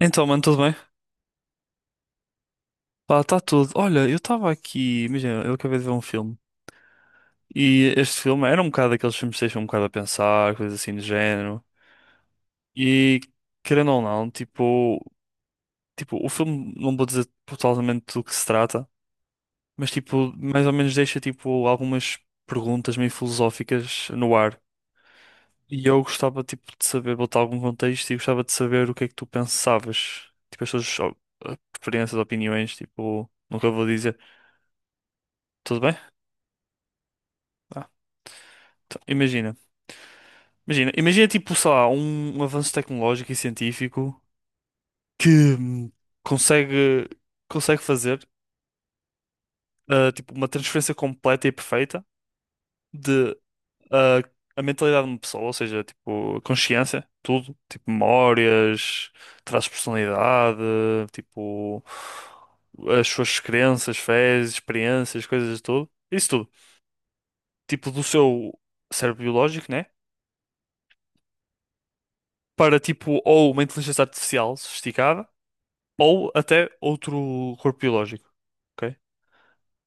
Então, mano, tudo bem? Pá, está tudo. Olha, eu estava aqui, imagina, eu acabei de ver um filme. E este filme era um bocado daqueles filmes que deixam um bocado a pensar, coisas assim do género. E, querendo ou não, tipo, o filme, não vou dizer totalmente do que se trata, mas, tipo, mais ou menos deixa, tipo, algumas perguntas meio filosóficas no ar. E eu gostava, tipo, de saber, botar algum contexto e gostava de saber o que é que tu pensavas. Tipo, as tuas ó, preferências, opiniões, tipo, nunca vou dizer. Tudo bem? Então, imagina, imagina tipo, sei lá, um avanço tecnológico e científico que hum, consegue, consegue fazer tipo, uma transferência completa e perfeita de ah, a mentalidade de uma pessoa, ou seja, tipo, a consciência, tudo, tipo, memórias, traços de personalidade, tipo, as suas crenças, fés, experiências, coisas de tudo, isso tudo, tipo, do seu cérebro biológico, né? Para tipo, ou uma inteligência artificial sofisticada, ou até outro corpo biológico. Ok?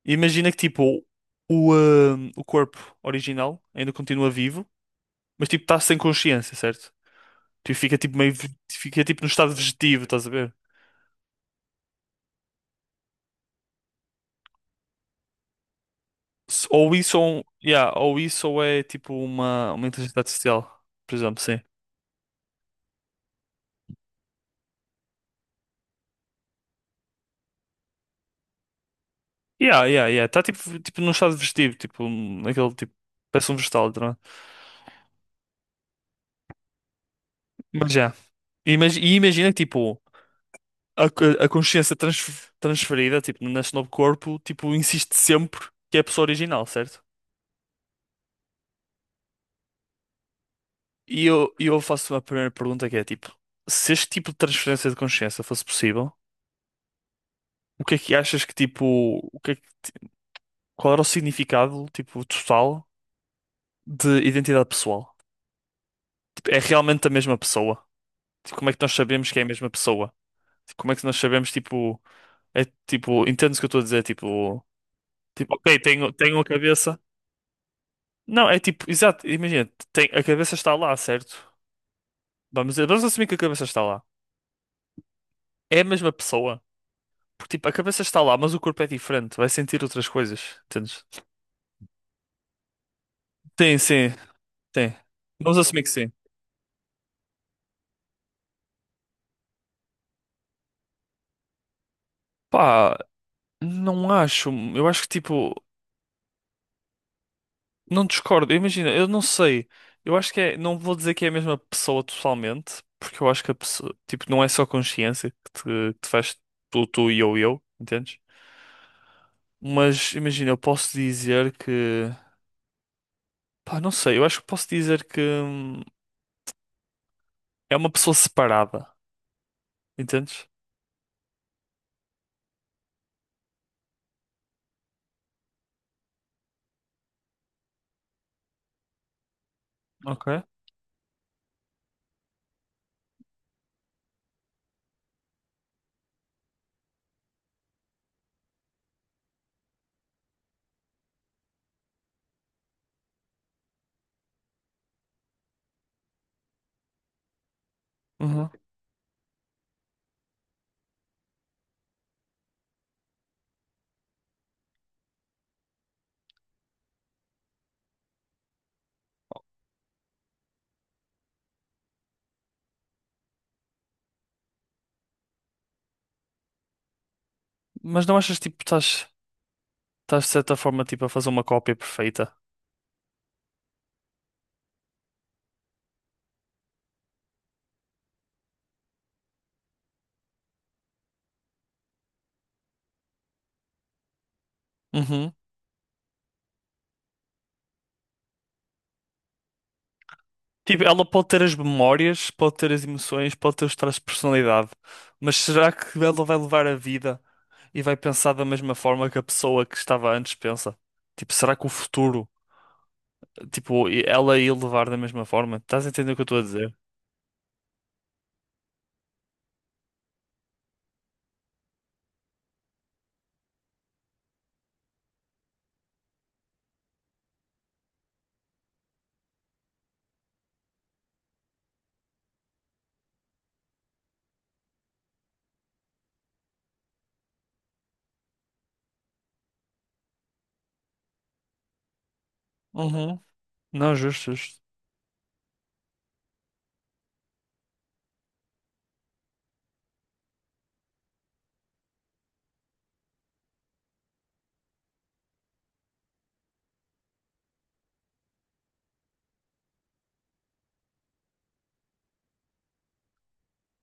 Imagina que tipo o corpo original ainda continua vivo, mas tipo está sem consciência, certo? Tipo, fica tipo fica tipo no estado vegetativo, estás a ver? Ou isso ou, yeah, ou isso ou é tipo uma inteligência artificial, por exemplo, sim. Yeah, yeah, yeah. Está tipo, tipo num estado vegetativo, tipo, um, naquele tipo, parece um vegetal, tá, não é? Mas já. E imagina que tipo. a, a consciência transferida, tipo, nesse novo corpo, tipo, insiste sempre que é a pessoa original, certo? E eu faço a primeira pergunta que é, tipo, se este tipo de transferência de consciência fosse possível, o que é que achas que, tipo, o que é que, qual era o significado, tipo, total de identidade pessoal? Tipo, é realmente a mesma pessoa? Tipo, como é que nós sabemos que é a mesma pessoa? Tipo, como é que nós sabemos, tipo, é, tipo, entendes o que eu estou a dizer? Tipo, ok, tenho a cabeça. Não, é tipo, exato, imagina, tem, a cabeça está lá, certo? Vamos assumir que a cabeça está lá. É a mesma pessoa. Porque, tipo, a cabeça está lá, mas o corpo é diferente. Vai sentir outras coisas, entendes? Tem, sim, tem. Vamos assumir que sim. Pá, não acho. Eu acho que, tipo, não discordo. Imagina, eu não sei. Eu acho que é, não vou dizer que é a mesma pessoa totalmente, porque eu acho que a pessoa, tipo, não é só consciência que te faz tu, tu e eu, entendes? Mas, imagina, eu posso dizer que. Pá, não sei, eu acho que posso dizer que é uma pessoa separada, entendes? Ok. Uhum. Mas não achas tipo estás de certa forma tipo a fazer uma cópia perfeita? Uhum. Tipo, ela pode ter as memórias, pode ter as emoções, pode ter os traços de personalidade, mas será que ela vai levar a vida e vai pensar da mesma forma que a pessoa que estava antes pensa? Tipo, será que o futuro, tipo, ela ia levar da mesma forma? Estás a entender o que eu estou a dizer? Uhum. Não, justo, justo.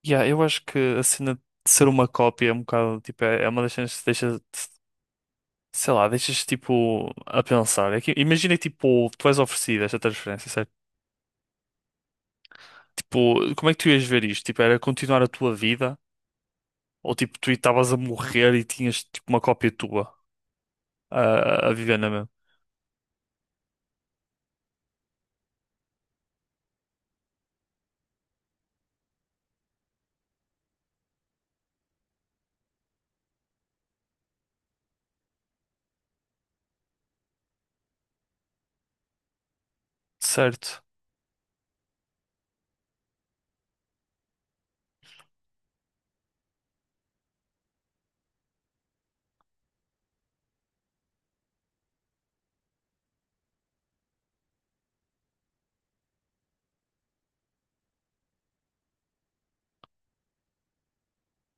Yeah, eu acho que a cena de ser uma cópia é um bocado, tipo, é uma das cenas que deixa, sei lá, deixas, tipo, a pensar. É que, imagina, que, tipo, tu és oferecido esta transferência, certo? Tipo, como é que tu ias ver isto? Tipo, era continuar a tua vida? Ou, tipo, tu estavas a morrer e tinhas, tipo, uma cópia tua a viver na mesma? Certo.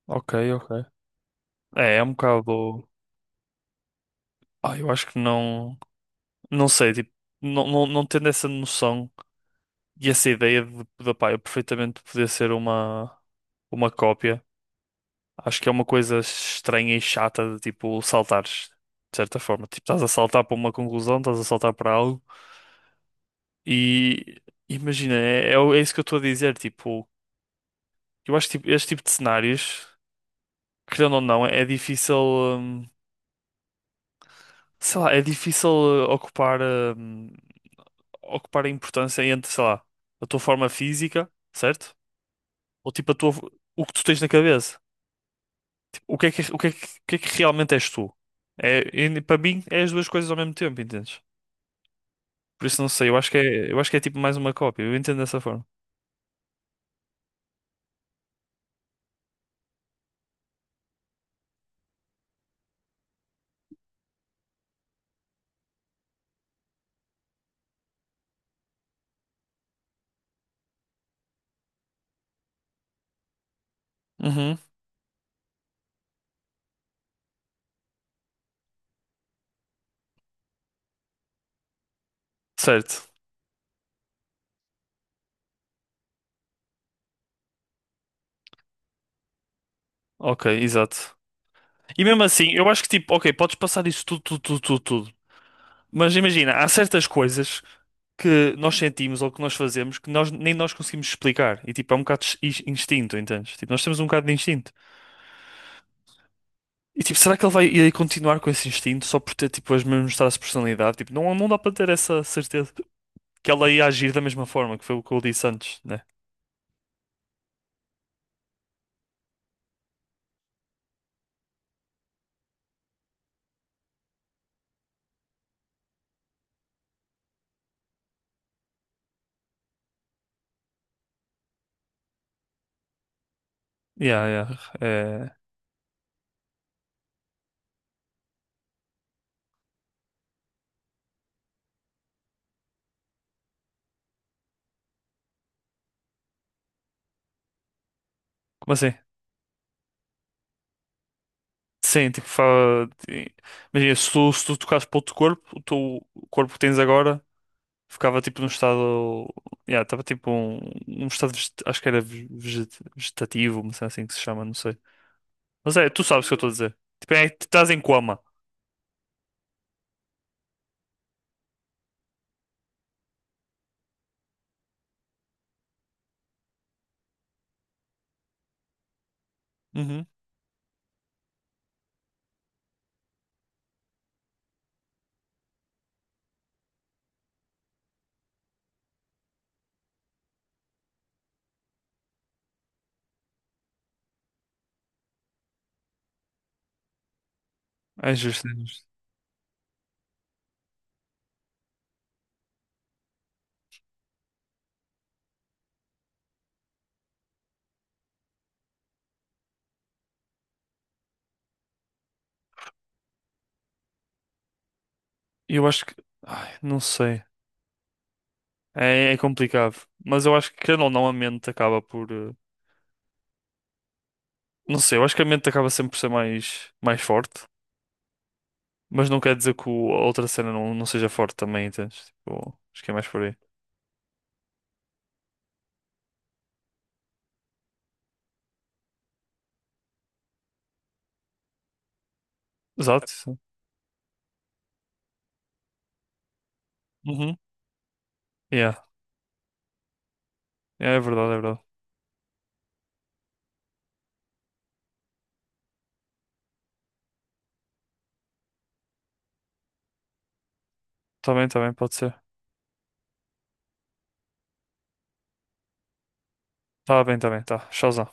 Ok, ok. É, é um bocado. Ah, eu acho que não. Não sei, tipo, não tendo essa noção e essa ideia de pá, eu perfeitamente poder ser uma cópia, acho que é uma coisa estranha e chata de tipo saltares, de certa forma. Tipo, estás a saltar para uma conclusão, estás a saltar para algo e imagina, é isso que eu estou a dizer. Tipo, eu acho que tipo, este tipo de cenários, querendo ou não, é difícil, sei lá, é difícil ocupar. hum, Ocupar a importância entre, sei lá, a tua forma física, certo? Ou tipo a tua, o que tu tens na cabeça. Tipo, o que é que realmente és tu? É, e para mim é as duas coisas ao mesmo tempo, entendes? Por isso não sei, eu acho que é, eu acho que é tipo mais uma cópia, eu entendo dessa forma. Uhum. Certo. Ok, exato. E mesmo assim, eu acho que tipo, ok, podes passar isso tudo. Mas imagina, há certas coisas que nós sentimos ou que nós fazemos que nós nem nós conseguimos explicar. E tipo, é um bocado de instinto, entendes? Tipo, nós temos um bocado de instinto. E tipo, será que ele vai ir continuar com esse instinto só por ter tipo as mesmas traços de personalidade? Tipo, não dá para ter essa certeza que ela ia agir da mesma forma, que foi o que eu disse antes, né? Yeah, yeah. É. Como assim? Sim, tipo, fa. Imagina, se tu tocasses para outro corpo, o teu corpo que tens agora ficava tipo num estado. Yeah, estava tipo um, um estado, acho que era vegetativo, uma cena assim que se chama, não sei. Mas é, tu sabes o que eu estou a dizer. Tipo, é, tu estás em coma. Uhum. É justo. Eu acho que. Ai, não sei. É, é complicado. Mas eu acho que, querendo ou não, a mente acaba por. Não sei, eu acho que a mente acaba sempre por ser mais, mais forte. Mas não quer dizer que a outra cena não seja forte também, entendes? Tipo, acho que é mais por aí. Exato. Sim. Uhum. Yeah. Yeah, é verdade, é verdade. Tá bem, pode ser. Tá bem, tá bem, tá. Showzão.